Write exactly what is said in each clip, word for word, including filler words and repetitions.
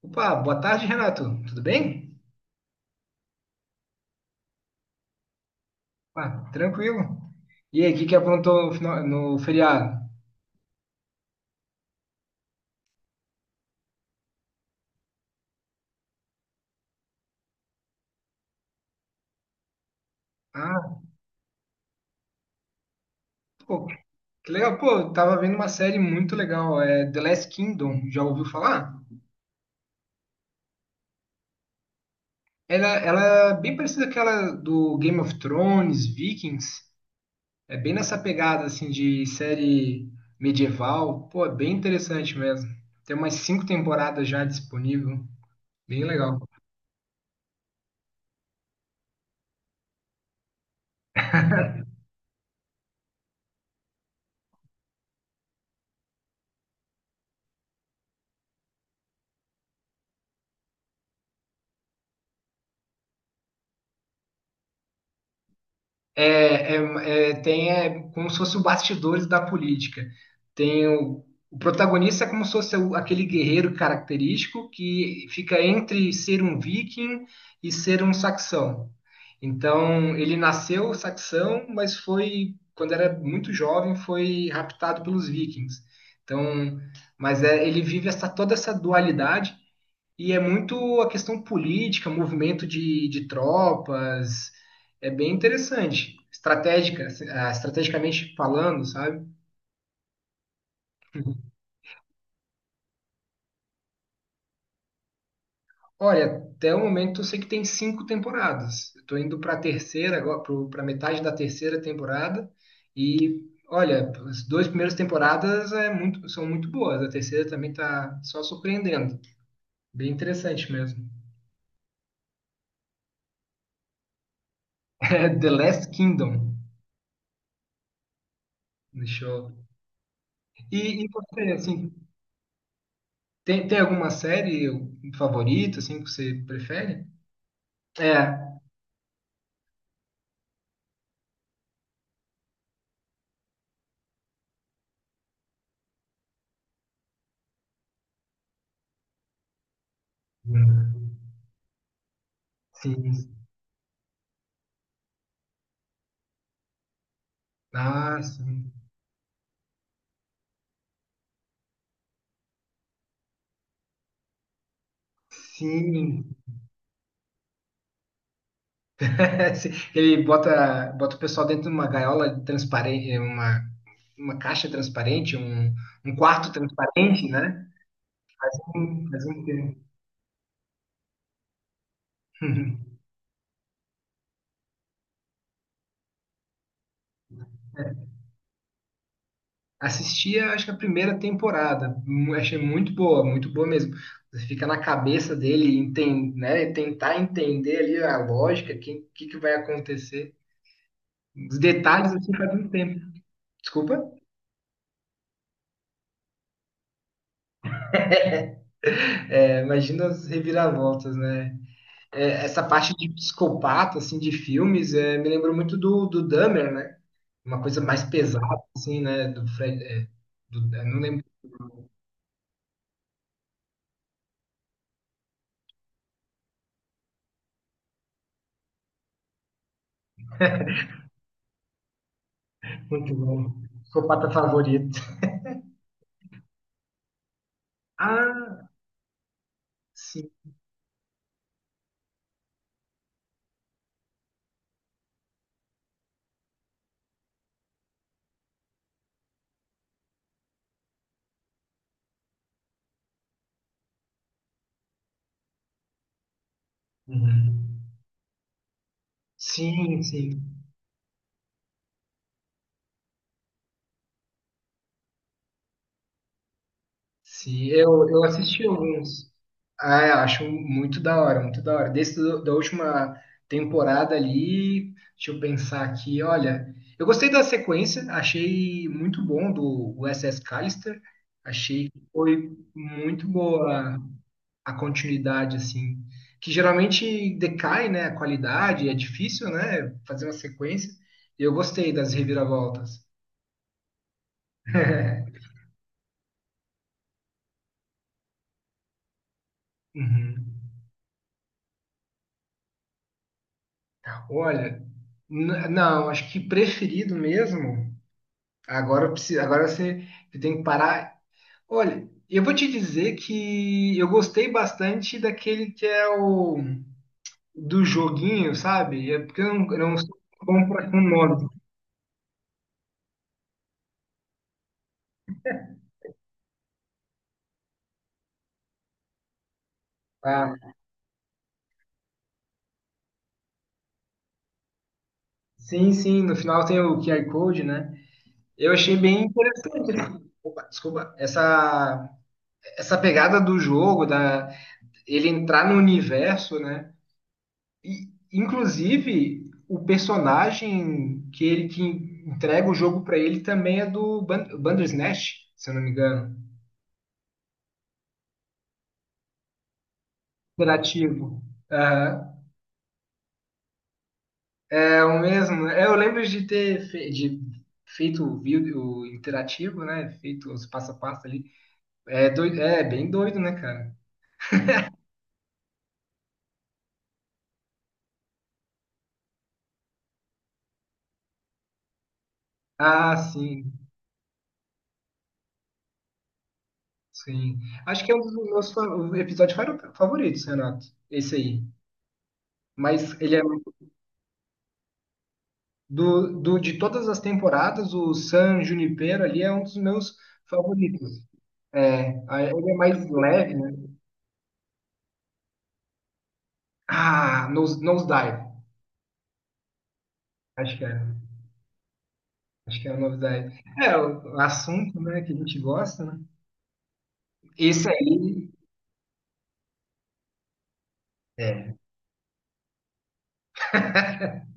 Opa, boa tarde, Renato. Tudo bem? Ah, tranquilo. E aí, o que que aprontou no, final- no feriado? Ah, pô, que legal. Pô, eu tava vendo uma série muito legal, é The Last Kingdom. Já ouviu falar? Ela, ela é bem parecida com aquela do Game of Thrones, Vikings. É bem nessa pegada, assim, de série medieval. Pô, é bem interessante mesmo. Tem umas cinco temporadas já disponível. Bem legal. É, é- é- tem é, como se fosse o bastidores da política. Tem o, o protagonista é como se fosse o- aquele guerreiro característico que fica entre ser um viking e ser um saxão. Então, ele nasceu saxão, mas foi, quando era muito jovem, foi raptado pelos vikings. Então, mas é, ele vive essa, toda essa dualidade e é muito a questão política, movimento de, de tropas, é bem interessante, estratégica, ah, estrategicamente falando, sabe? Olha, até o momento eu sei que tem cinco temporadas. Eu tô indo para a terceira agora, para metade da terceira temporada e olha, as duas primeiras temporadas é muito, são muito boas. A terceira também tá só surpreendendo, bem interessante mesmo. É The Last Kingdom no show. E, e você, assim, Tem, tem alguma série favorita, assim, que você prefere? É. Hum, sim. Ah, sim. Sim. Sim. Ele bota, bota o pessoal dentro de uma gaiola transparente, uma, uma caixa transparente, um, um quarto transparente, né? Hum, faz um tempo. Assisti, acho que a primeira temporada. Mu- Achei muito boa, muito boa mesmo. Você fica na cabeça dele, enten- né? Tentar entender ali a lógica, o que, que que vai acontecer. Os detalhes assim faz muito tempo. Desculpa. É, imagina as reviravoltas, né? É, essa parte de psicopata, assim, de filmes, é, me lembrou muito do, do Dahmer, né? Uma coisa mais pesada, assim, né? Do Fred. É, do- eu não lembro muito bom. Psicopata favorito. Ah, sim. Uhum. Sim, sim. Sim, eu, eu assisti alguns. Ah, eu acho muito da hora, muito da hora. Desde do, da última temporada ali, deixa eu pensar aqui, olha. Eu gostei da sequência, achei muito bom do U S S Callister. Achei que foi muito boa a continuidade, assim. Que geralmente decai, né, a qualidade, é difícil, né, fazer uma sequência. Eu gostei das reviravoltas. Uhum. Olha, n- não, acho que preferido mesmo. Agora, eu preciso, agora você, você tem que parar. Olha, eu vou te dizer que eu gostei bastante daquele que é o do joguinho, sabe? É porque eu não, eu não sou bom para com nome. Ah, sim, sim, no final tem o Q R Code, né? Eu achei bem interessante, né? Opa, desculpa, essa, essa pegada do jogo, da, ele entrar no universo, né? E, inclusive, o personagem que ele que entrega o jogo pra ele também é do Ban- Bandersnatch, se eu não me engano. Interativo. Aham. É o mesmo, né? É, eu lembro de ter fe- de feito o vídeo interativo, né? Feito os passo a passo ali. É, doido, é bem doido, né, cara? Ah, sim, sim. Acho que é um dos meus fa- episódios fa- favoritos, Renato. Esse aí. Mas ele é Do, do, de todas as temporadas, o San Junipero ali é um dos meus favoritos. É, a- ele é mais leve, né? Ah, Nose, Nosedive. Acho que é. Acho que é o Nosedive. É, o assunto, né, que a gente gosta, né? Esse aí, é.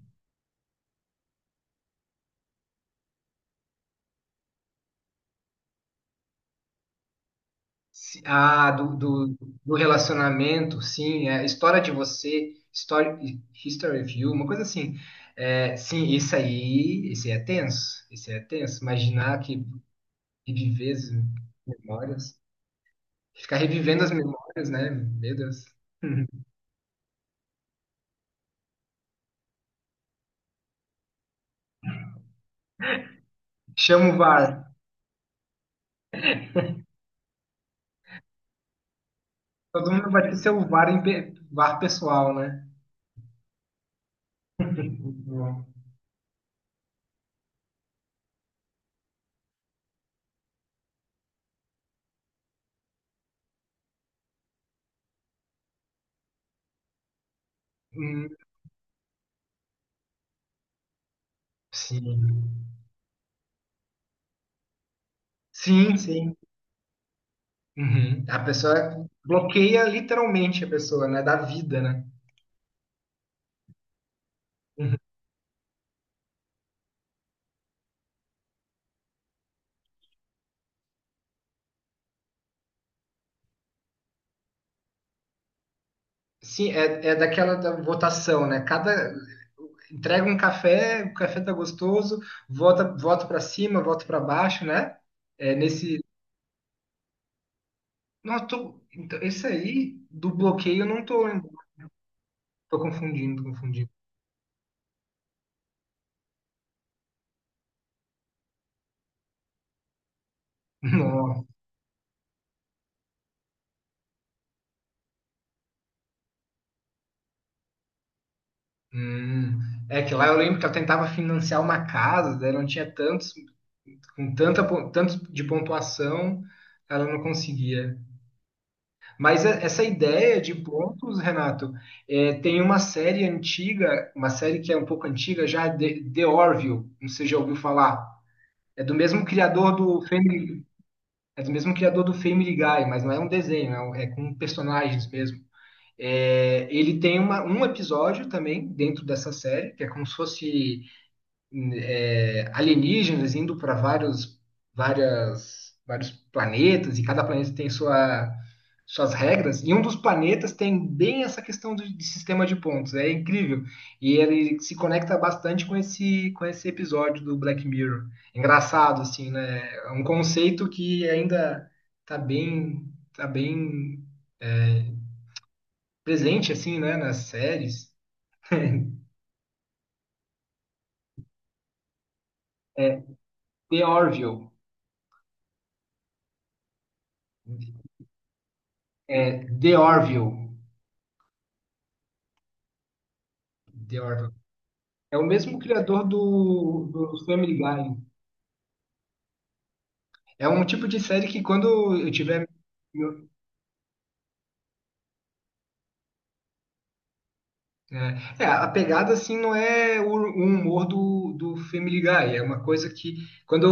Se- Ah, do, do, do relacionamento, sim, é, história de você, story, history of you, uma coisa assim. É, sim, isso aí, esse é tenso, esse é tenso. Imaginar que reviver as memórias. Ficar revivendo as memórias, né? Meu Deus. Chama o V A R. Todo mundo vai ter seu V A R, em pe- V A R pessoal, né? Hum, sim. Sim, sim. Uhum. A pessoa bloqueia literalmente a pessoa, né? Da vida, né? Uhum. Sim, é, é daquela da votação, né? Cada entrega um café, o café tá gostoso, volta, volta para cima, volta para baixo, né? É nesse... Nossa, tô... então, esse aí do bloqueio eu não tô lembrando. Tô confundindo, tô confundindo. Nossa. Hum. É que lá eu lembro que ela tentava financiar uma casa, daí não tinha tantos, com tanta, pon- tantos de pontuação, ela não conseguia. Mas é- essa ideia de pontos, Renato, é, tem uma série antiga, uma série que é um pouco antiga já, The, The Orville, não sei se já ouviu falar. É do mesmo criador do Family, é do mesmo criador do Family Guy, mas não é um desenho, é, um- é com personagens mesmo. É, ele tem uma, um episódio também dentro dessa série, que é como se fosse é, alienígenas indo para vários, várias, vários planetas, e cada planeta tem sua, suas regras, e um dos planetas tem bem essa questão de, de sistema de pontos, é incrível. E ele se conecta bastante com esse, com esse episódio do Black Mirror. Engraçado, assim, né? É um conceito que ainda está bem, tá bem presente, assim, né, nas séries. The Orville. É, The Orville. The Orville. É o mesmo criador do, do Family Guy. É um tipo de série que quando eu tiver. eu- É, é, a pegada assim não é o, o humor do, do Family Guy. É uma coisa que quando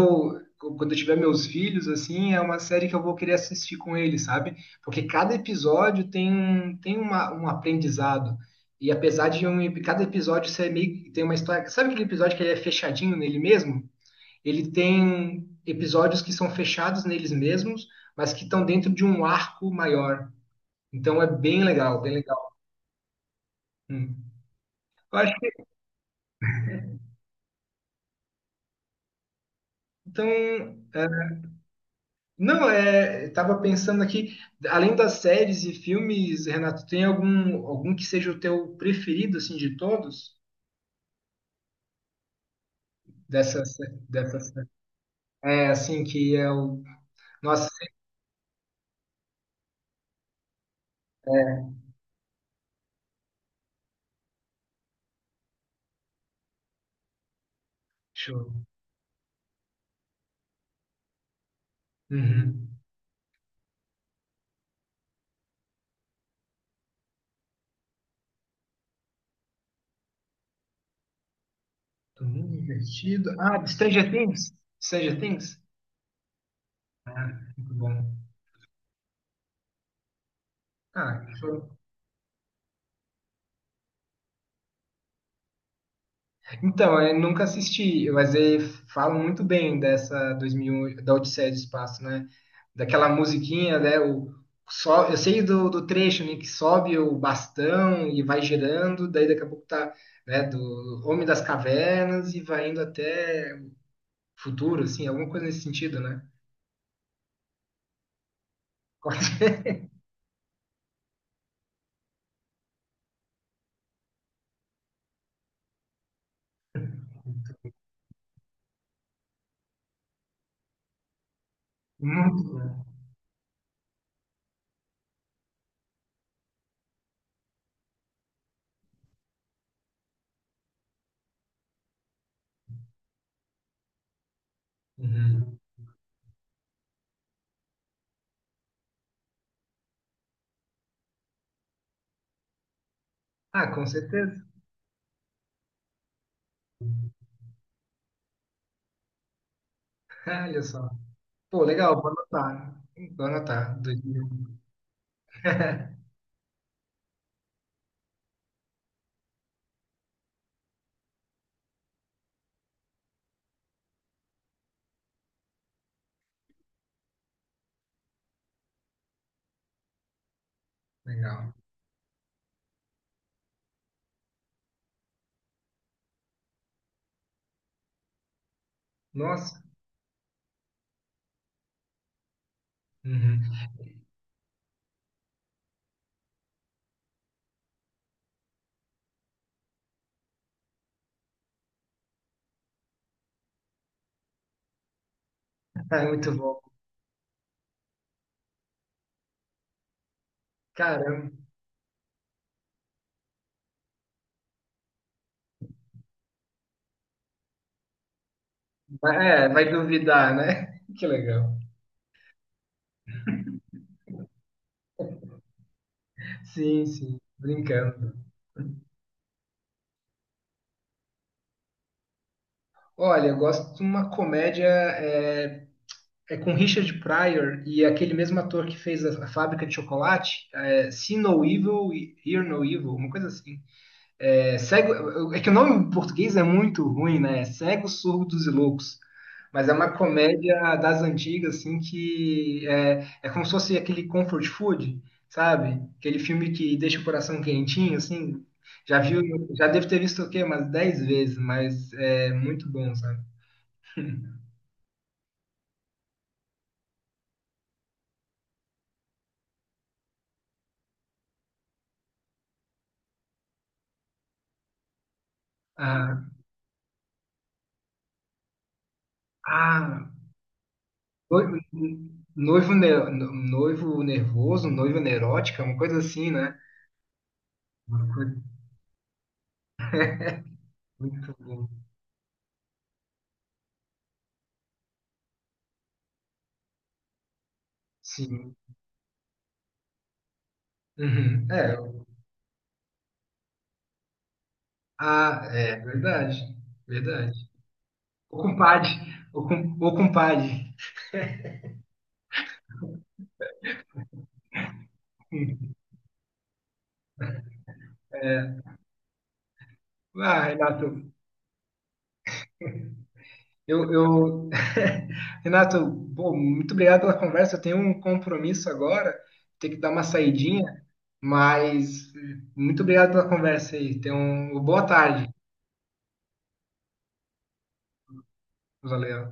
eu, quando eu tiver meus filhos, assim, é uma série que eu vou querer assistir com eles, sabe? Porque cada episódio tem, um- tem uma, um aprendizado. E apesar de um, cada episódio ser meio, tem uma história. Sabe aquele episódio que ele é fechadinho nele mesmo? Ele tem episódios que são fechados neles mesmos, mas que estão dentro de um arco maior. Então é bem legal, bem legal. Hum. Eu acho que, então, é, não, é, estava pensando aqui, além das séries e filmes, Renato, tem algum algum que seja o teu preferido assim de todos? Dessas, dessas, é assim que é o... nossa, deixa eu- uhum. Tô muito divertido. Ah, Stranger Things, Stranger Things. Ah, muito bom. Ah, então, eu nunca assisti, mas eh, falam muito bem dessa dois mil e um, da Odisseia do Espaço, né? Daquela musiquinha, né? O, só, eu sei do, do trecho, né? Que sobe o bastão e vai girando, daí daqui a pouco tá, né? Do Homem das Cavernas e vai indo até o futuro, assim, alguma coisa nesse sentido, né? Muito, né? Uhum. Ah, com certeza. Olha só. Pô, legal, vou anotar. Vou anotar. dois mil e um. Legal. Nossa. Uhum. Ah, muito bom. Caramba. Vai- É, vai duvidar, né? Que legal. Sim, sim, brincando. Olha, eu gosto de uma comédia é, é com Richard Pryor e aquele mesmo ator que fez a, a Fábrica de Chocolate, é, See No Evil, Hear No Evil, uma coisa assim. É, cego, é que o nome em português é muito ruim, né? É Cegos, Surdos e Loucos. Mas é uma comédia das antigas, assim, que é, é como se fosse aquele comfort food, sabe? Aquele filme que deixa o coração quentinho, assim. Já viu, já devo ter visto o quê? Umas dez vezes, mas é muito bom, sabe? Ah, ah, noivo, noivo, ne- noivo nervoso, noiva neurótica, uma coisa assim, né? Uma coisa muito boa. Sim. Uhum. É, ah, é verdade, verdade. O compadre, o, com- o compadre. Ah, Renato, eu, eu... Renato, pô, muito obrigado pela conversa. Eu tenho um compromisso agora, ter que dar uma saidinha, mas eh, muito obrigado pela conversa aí. Tenha uma boa tarde. Valeu.